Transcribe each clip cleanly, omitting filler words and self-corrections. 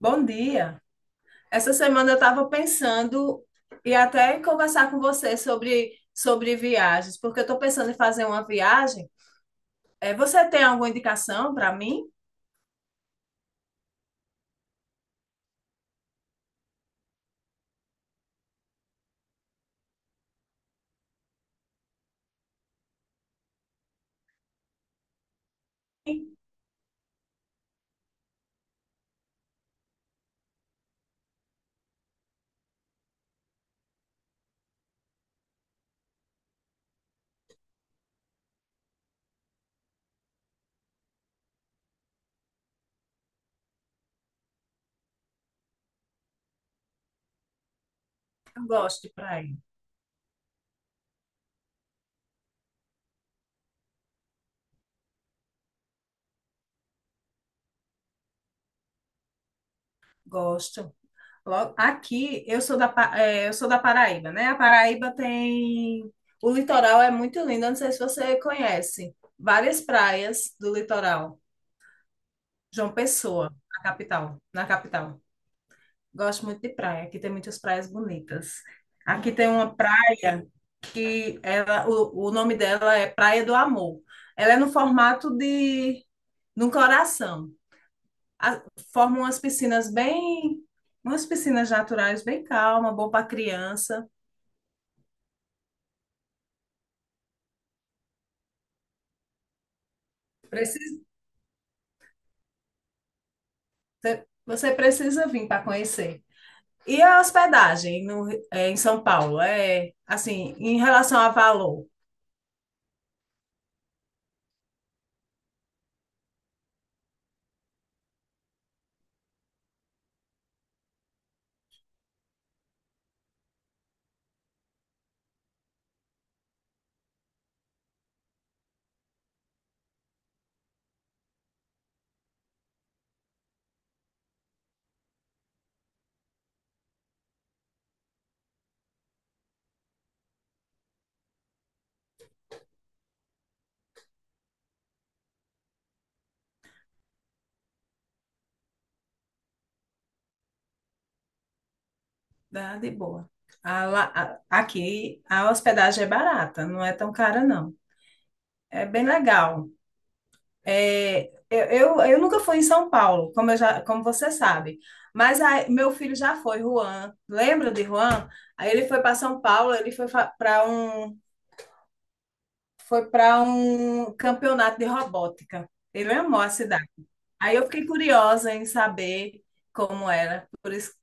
Bom dia. Essa semana eu estava pensando e até conversar com você sobre viagens, porque eu estou pensando em fazer uma viagem. Você tem alguma indicação para mim? Eu gosto de praia. Gosto. Logo, aqui eu sou da Paraíba, né? A Paraíba tem. O litoral é muito lindo. Eu não sei se você conhece. Várias praias do litoral. João Pessoa, na capital. Gosto muito de praia. Aqui tem muitas praias bonitas. Aqui tem uma praia que o nome dela é Praia do Amor. Ela é no formato de um coração. A- Forma umas umas piscinas naturais bem calma, bom para criança. Precisa, Você precisa vir para conhecer. E a hospedagem no, eh, em São Paulo é assim, em relação a valor. Dá de boa. Aqui a hospedagem é barata, não é tão cara, não. É bem legal. É, eu nunca fui em São Paulo, como você sabe. Mas aí, meu filho já foi, Juan. Lembra de Juan? Aí ele foi para São Paulo, ele foi para um, para um campeonato de robótica. Ele amou a cidade. Aí eu fiquei curiosa em saber como era. Por isso,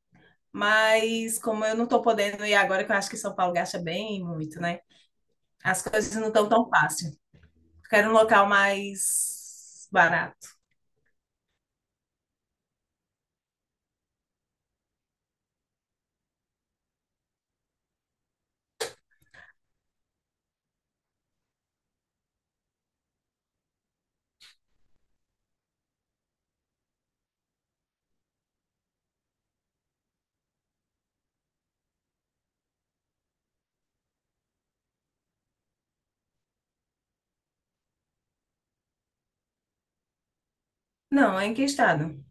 mas como eu não estou podendo ir agora, que eu acho que São Paulo gasta bem muito, né? As coisas não estão tão fácil. Quero um local mais barato. Não, é em que estado?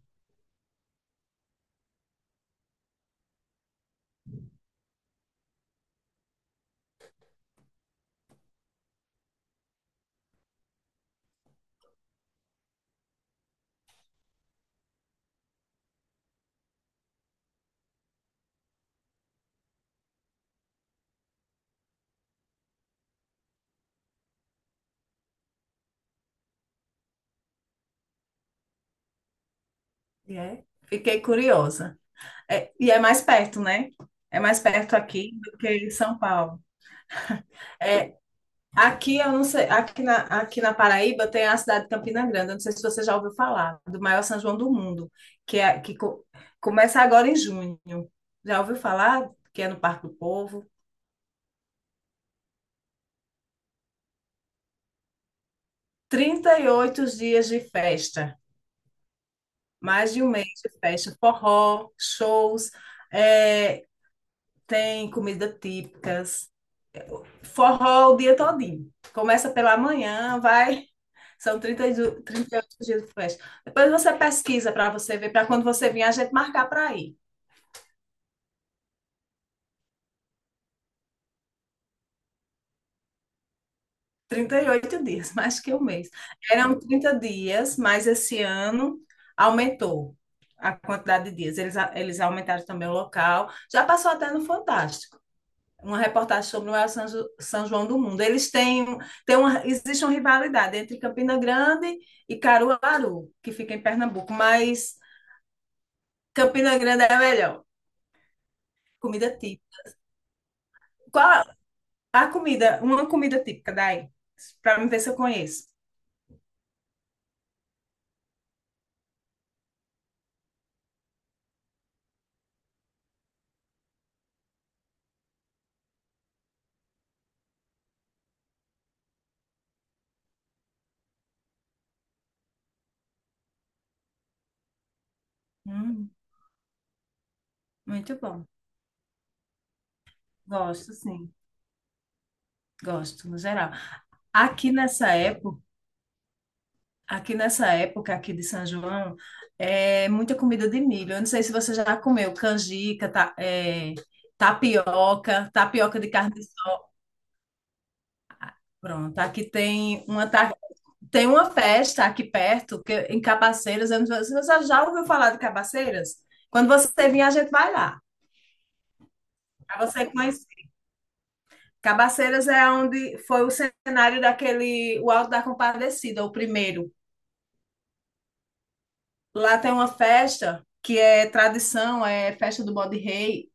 E é. Fiquei curiosa. É, e é mais perto, né? É mais perto aqui do que em São Paulo. É, aqui eu não sei, aqui na Paraíba tem a cidade de Campina Grande. Eu não sei se você já ouviu falar do maior São João do mundo, que é que co- começa agora em junho. Já ouviu falar que é no Parque do Povo? 38 dias de festa. Mais de um mês de festa, forró, shows, é, tem comida típicas, forró o dia todinho. Começa pela manhã, vai, são 38 dias de festa. Depois você pesquisa para você ver, para quando você vir, a gente marcar para ir. 38 dias, mais que um mês. Eram 30 dias, mas esse ano aumentou a quantidade de dias. Eles aumentaram também o local. Já passou até no Fantástico, uma reportagem sobre o maior São João do mundo. Eles têm existe uma rivalidade entre Campina Grande e Caruaru, que fica em Pernambuco, mas Campina Grande é a melhor. Comida típica. Qual uma comida típica daí? Para me ver se eu conheço. Hum, muito bom. Gosto, sim. Gosto, no geral. Aqui nessa época Aqui nessa época aqui de São João, é muita comida de milho. Eu não sei se você já comeu canjica, tapioca, de carne de sol. Pronto, aqui tem tem uma festa aqui perto, que, é em Cabaceiras. Eu não sei se você já ouviu falar de Cabaceiras? Quando você vir, a gente vai lá, para você conhecer. Cabaceiras é onde foi o cenário daquele, o Alto da Compadecida, o primeiro. Lá tem uma festa que é tradição, é festa do Bode Rei.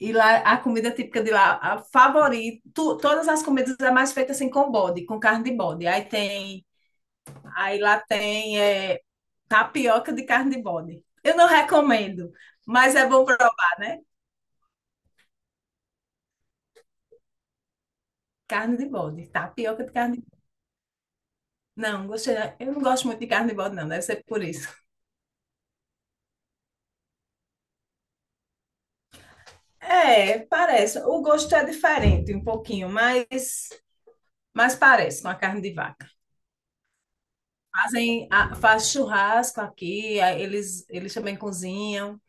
E lá, a comida típica de lá, a favorita, todas as comidas é mais feita assim com bode, com carne de bode. Aí tem, aí lá tem é, tapioca de carne de bode. Eu não recomendo, mas é bom provar, né? Carne de bode, tapioca de carne de bode. Não, gostei, não. Eu não gosto muito de carne de bode, não, deve ser por isso. É, parece. O gosto é diferente um pouquinho, mas parece com a carne de vaca. Faz churrasco aqui, aí eles também cozinham.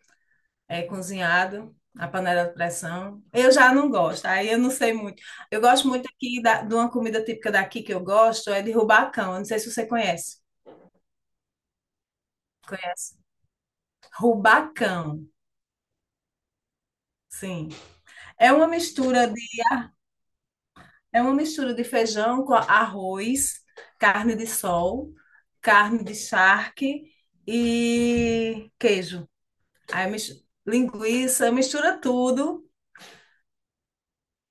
É, cozinhado na panela de pressão. Eu já não gosto, aí eu não sei muito. Eu gosto muito aqui de uma comida típica daqui que eu gosto, é de rubacão. Eu não sei se você conhece. Conhece? Rubacão, sim. É uma mistura de, é uma mistura de feijão com arroz, carne de sol, carne de charque e queijo. Aí linguiça, mistura tudo.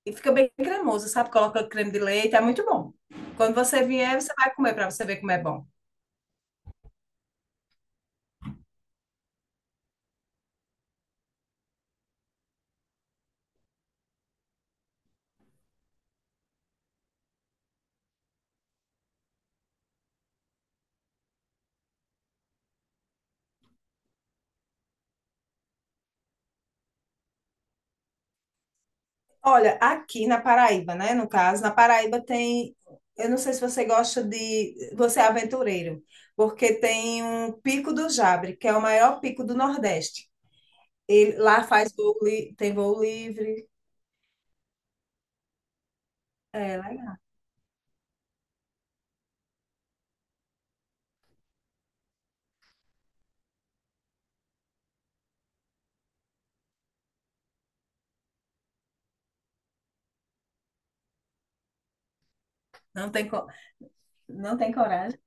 E fica bem cremoso, sabe? Coloca creme de leite, é muito bom. Quando você vier, você vai comer para você ver como é bom. Olha, aqui na Paraíba, né? No caso, na Paraíba tem. Eu não sei se você gosta de. Você é aventureiro, porque tem um Pico do Jabre, que é o maior pico do Nordeste. Ele, lá faz voo, li- Tem voo livre. É, legal. Não tem, co- não tem coragem.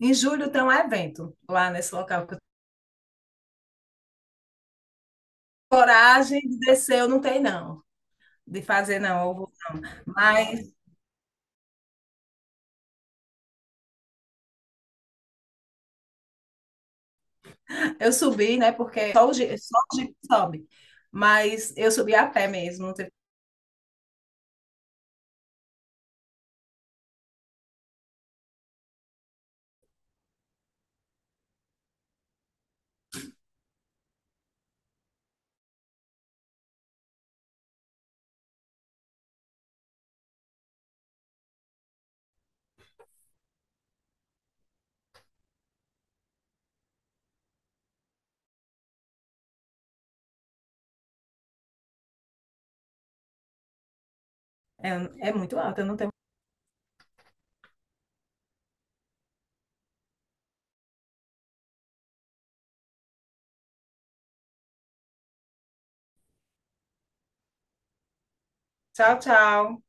Em julho tem um evento lá nesse local. Coragem de descer eu não tenho, não. De fazer, não. Mas eu subi, né? Porque só o Jeep sobe. Mas eu subi a pé mesmo. Não teve- É, é muito alto, eu não tenho. Tchau, tchau.